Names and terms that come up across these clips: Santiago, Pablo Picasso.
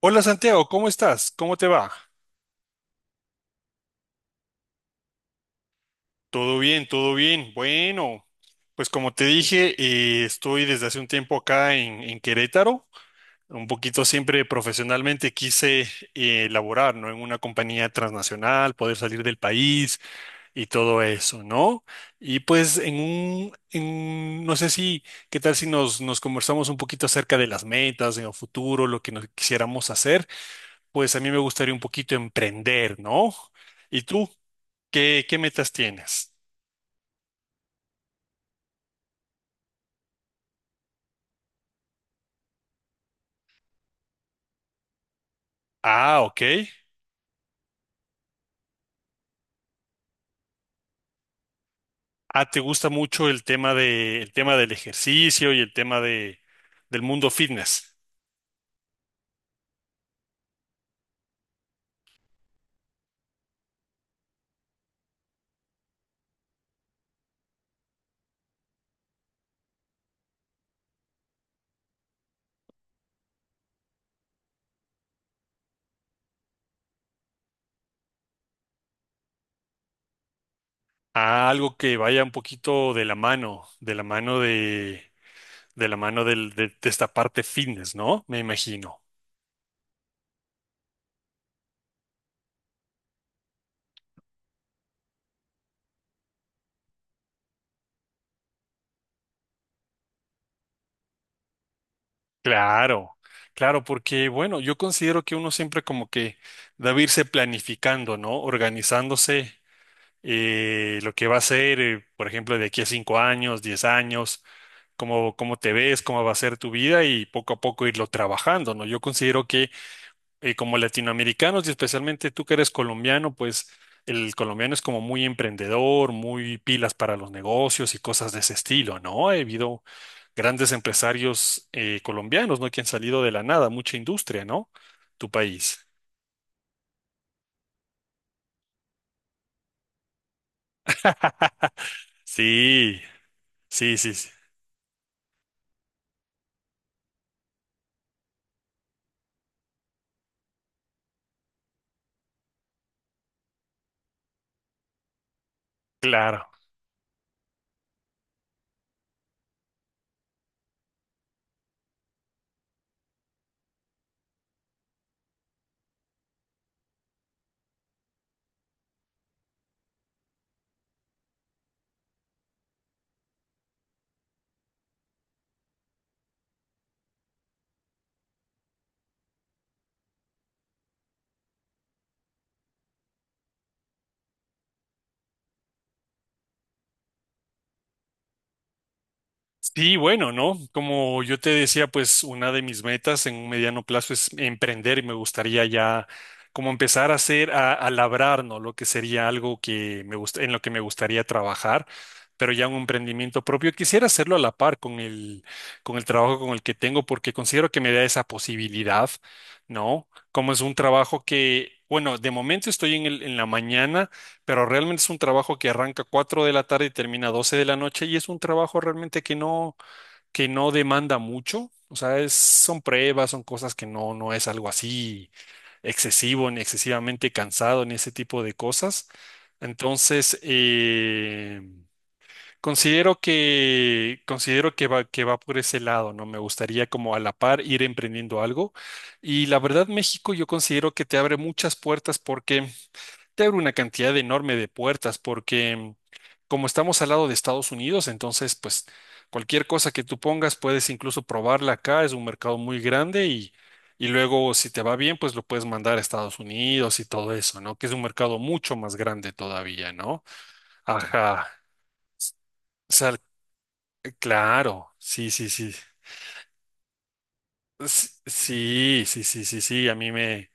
Hola Santiago, ¿cómo estás? ¿Cómo te va? Todo bien, todo bien. Bueno, pues como te dije, estoy desde hace un tiempo acá en Querétaro. Un poquito siempre profesionalmente quise laborar, ¿no? En una compañía transnacional, poder salir del país y todo eso, ¿no? Y pues no sé si, ¿qué tal si nos conversamos un poquito acerca de las metas en el futuro, lo que nos quisiéramos hacer? Pues a mí me gustaría un poquito emprender, ¿no? ¿Y tú? ¿Qué metas tienes? Ah, ok. Ah, ¿te gusta mucho el tema del ejercicio y del mundo fitness? Ah, algo que vaya un poquito de la mano, de la mano de la mano del- de esta parte fitness, ¿no? Me imagino. Claro, claro, porque bueno, yo considero que uno siempre como que debe irse planificando, ¿no? Organizándose lo que va a ser, por ejemplo, de aquí a 5 años, 10 años, cómo te ves, cómo va a ser tu vida y poco a poco irlo trabajando, ¿no? Yo considero que como latinoamericanos y especialmente tú que eres colombiano, pues el colombiano es como muy emprendedor, muy pilas para los negocios y cosas de ese estilo, ¿no? Ha habido grandes empresarios colombianos, ¿no? Que han salido de la nada, mucha industria, ¿no? Tu país. Sí, sí, sí, sí. Claro. Sí, bueno, ¿no? Como yo te decía, pues una de mis metas en un mediano plazo es emprender y me gustaría ya como empezar a hacer, a labrar, ¿no? Lo que sería algo que me gusta, en lo que me gustaría trabajar, pero ya un emprendimiento propio. Quisiera hacerlo a la par con el trabajo con el que tengo porque considero que me da esa posibilidad, ¿no? Como es un trabajo que, bueno, de momento estoy en la mañana. Pero realmente es un trabajo que arranca 4 de la tarde y termina 12 de la noche y es un trabajo realmente que no, demanda mucho. O sea, son pruebas, son cosas que no es algo así excesivo, ni excesivamente cansado, ni ese tipo de cosas. Entonces, considero que va, que va por ese lado, ¿no? Me gustaría como a la par ir emprendiendo algo. Y la verdad, México yo considero que te abre muchas puertas porque te abre una cantidad enorme de puertas porque como estamos al lado de Estados Unidos, entonces pues cualquier cosa que tú pongas puedes incluso probarla acá, es un mercado muy grande y luego si te va bien pues lo puedes mandar a Estados Unidos y todo eso, ¿no? Que es un mercado mucho más grande todavía, ¿no? Ajá. O sea, claro, sí, sí, sí. Sí, sí, sí, sí, sí, a mí me,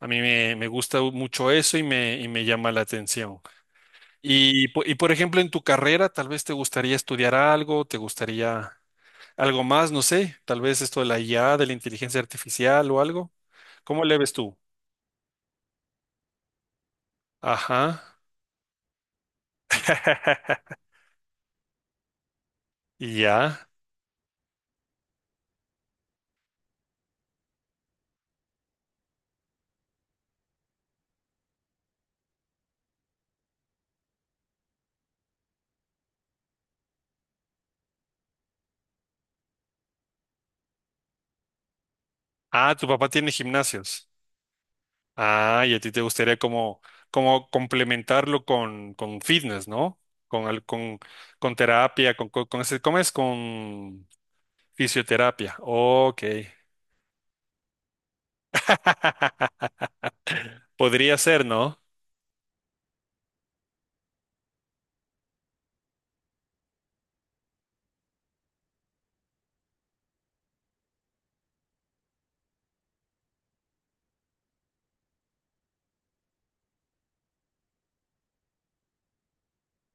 a mí me, me gusta mucho eso y me llama la atención. Y por ejemplo, en tu carrera, tal vez te gustaría estudiar algo, te gustaría algo más, no sé, tal vez esto de la IA, de la inteligencia artificial o algo. ¿Cómo le ves tú? Ajá. Y ya. Ah, tu papá tiene gimnasios. Ah, y a ti te gustaría como complementarlo con fitness, ¿no? Con, al- con, con terapia, ¿cómo es? Con fisioterapia. Ok. Podría ser, ¿no?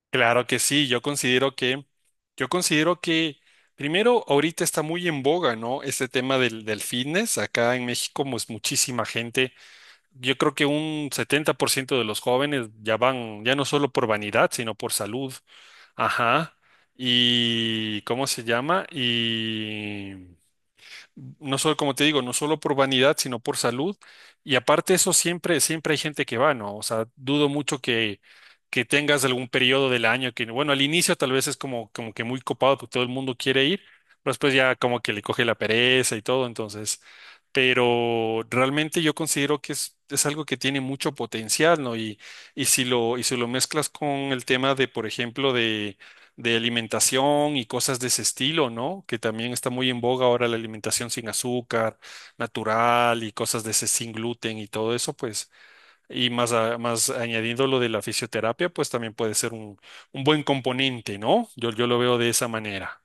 Claro que sí, yo considero que primero ahorita está muy en boga, ¿no? Este tema del fitness, acá en México pues muchísima gente, yo creo que un 70% de los jóvenes ya van, ya no solo por vanidad, sino por salud, ajá, y ¿cómo se llama? Y no solo, como te digo, no solo por vanidad, sino por salud. Y aparte eso, siempre, siempre hay gente que va, ¿no? O sea, dudo mucho que, tengas algún periodo del año que, bueno, al inicio tal vez es como que muy copado porque todo el mundo quiere ir, pero después ya como que le coge la pereza y todo, entonces, pero realmente yo considero que es algo que tiene mucho potencial, ¿no? Y si lo mezclas con el tema de, por ejemplo, de alimentación y cosas de ese estilo, ¿no? Que también está muy en boga ahora la alimentación sin azúcar, natural y cosas de ese sin gluten y todo eso, pues, y más, más añadiendo lo de la fisioterapia, pues también puede ser un buen componente, ¿no? Yo lo veo de esa manera.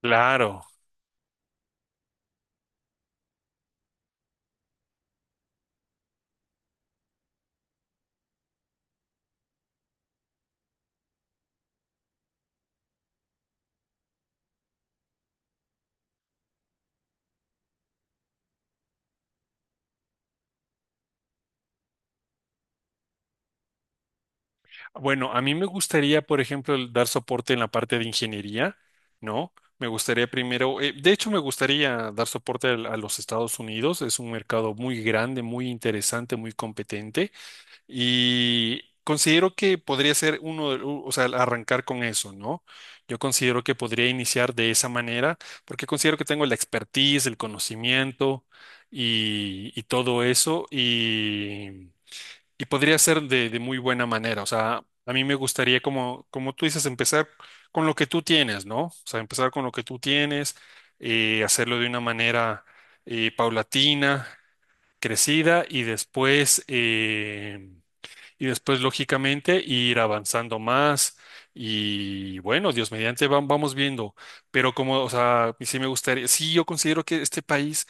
Claro. Bueno, a mí me gustaría, por ejemplo, el dar soporte en la parte de ingeniería, ¿no? Me gustaría primero, de hecho me gustaría dar soporte a los Estados Unidos, es un mercado muy grande, muy interesante, muy competente. Y considero que podría ser uno, o sea, arrancar con eso, ¿no? Yo considero que podría iniciar de esa manera, porque considero que tengo la expertise, el conocimiento y todo eso, y podría ser de muy buena manera. O sea, a mí me gustaría, como tú dices, empezar con lo que tú tienes, ¿no? O sea, empezar con lo que tú tienes, hacerlo de una manera paulatina, crecida, y después, lógicamente, ir avanzando más. Y bueno, Dios mediante, vamos viendo. Pero como, o sea, sí me gustaría, sí, yo considero que este país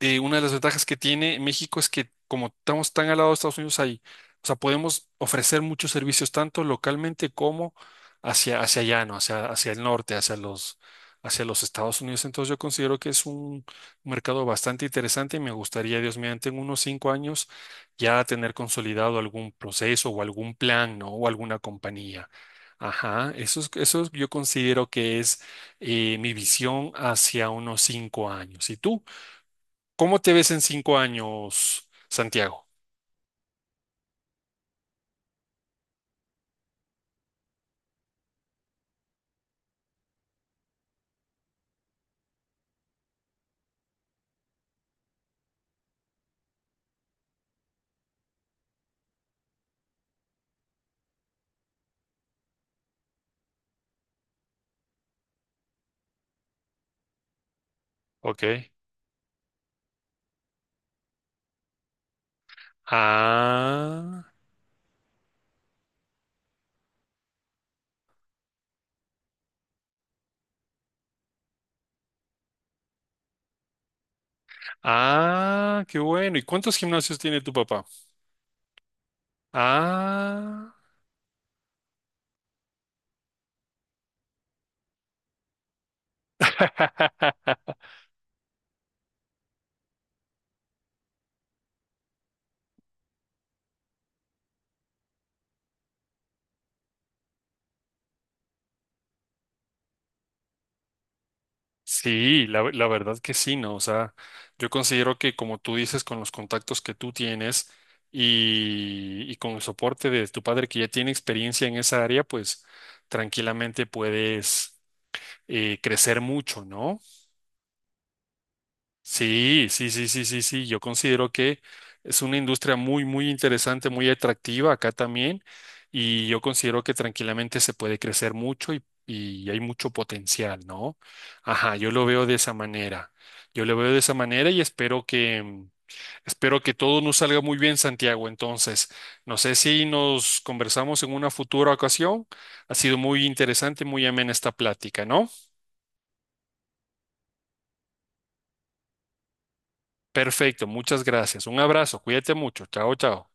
una de las ventajas que tiene México es que como estamos tan al lado de Estados Unidos ahí, o sea, podemos ofrecer muchos servicios tanto localmente como hacia allá, ¿no? Hacia el norte, hacia los Estados Unidos. Entonces yo considero que es un mercado bastante interesante y me gustaría, Dios mediante, en unos 5 años ya tener consolidado algún proceso o algún plan, ¿no? O alguna compañía. Ajá, yo considero que es mi visión hacia unos 5 años. ¿Y tú? ¿Cómo te ves en 5 años, Santiago? Ok. Ah, ah, qué bueno. ¿Y cuántos gimnasios tiene tu papá? Ah. Sí, la verdad que sí, ¿no? O sea, yo considero que como tú dices, con los contactos que tú tienes y con el soporte de tu padre que ya tiene experiencia en esa área, pues tranquilamente puedes crecer mucho, ¿no? Sí, sí, sí, sí, sí, sí. Yo considero que es una industria muy, muy interesante, muy atractiva acá también. Y yo considero que tranquilamente se puede crecer mucho y hay mucho potencial, ¿no? Ajá, yo lo veo de esa manera. Yo lo veo de esa manera y espero que todo nos salga muy bien, Santiago. Entonces, no sé si nos conversamos en una futura ocasión. Ha sido muy interesante, muy amena esta plática, ¿no? Perfecto, muchas gracias. Un abrazo, cuídate mucho. Chao, chao.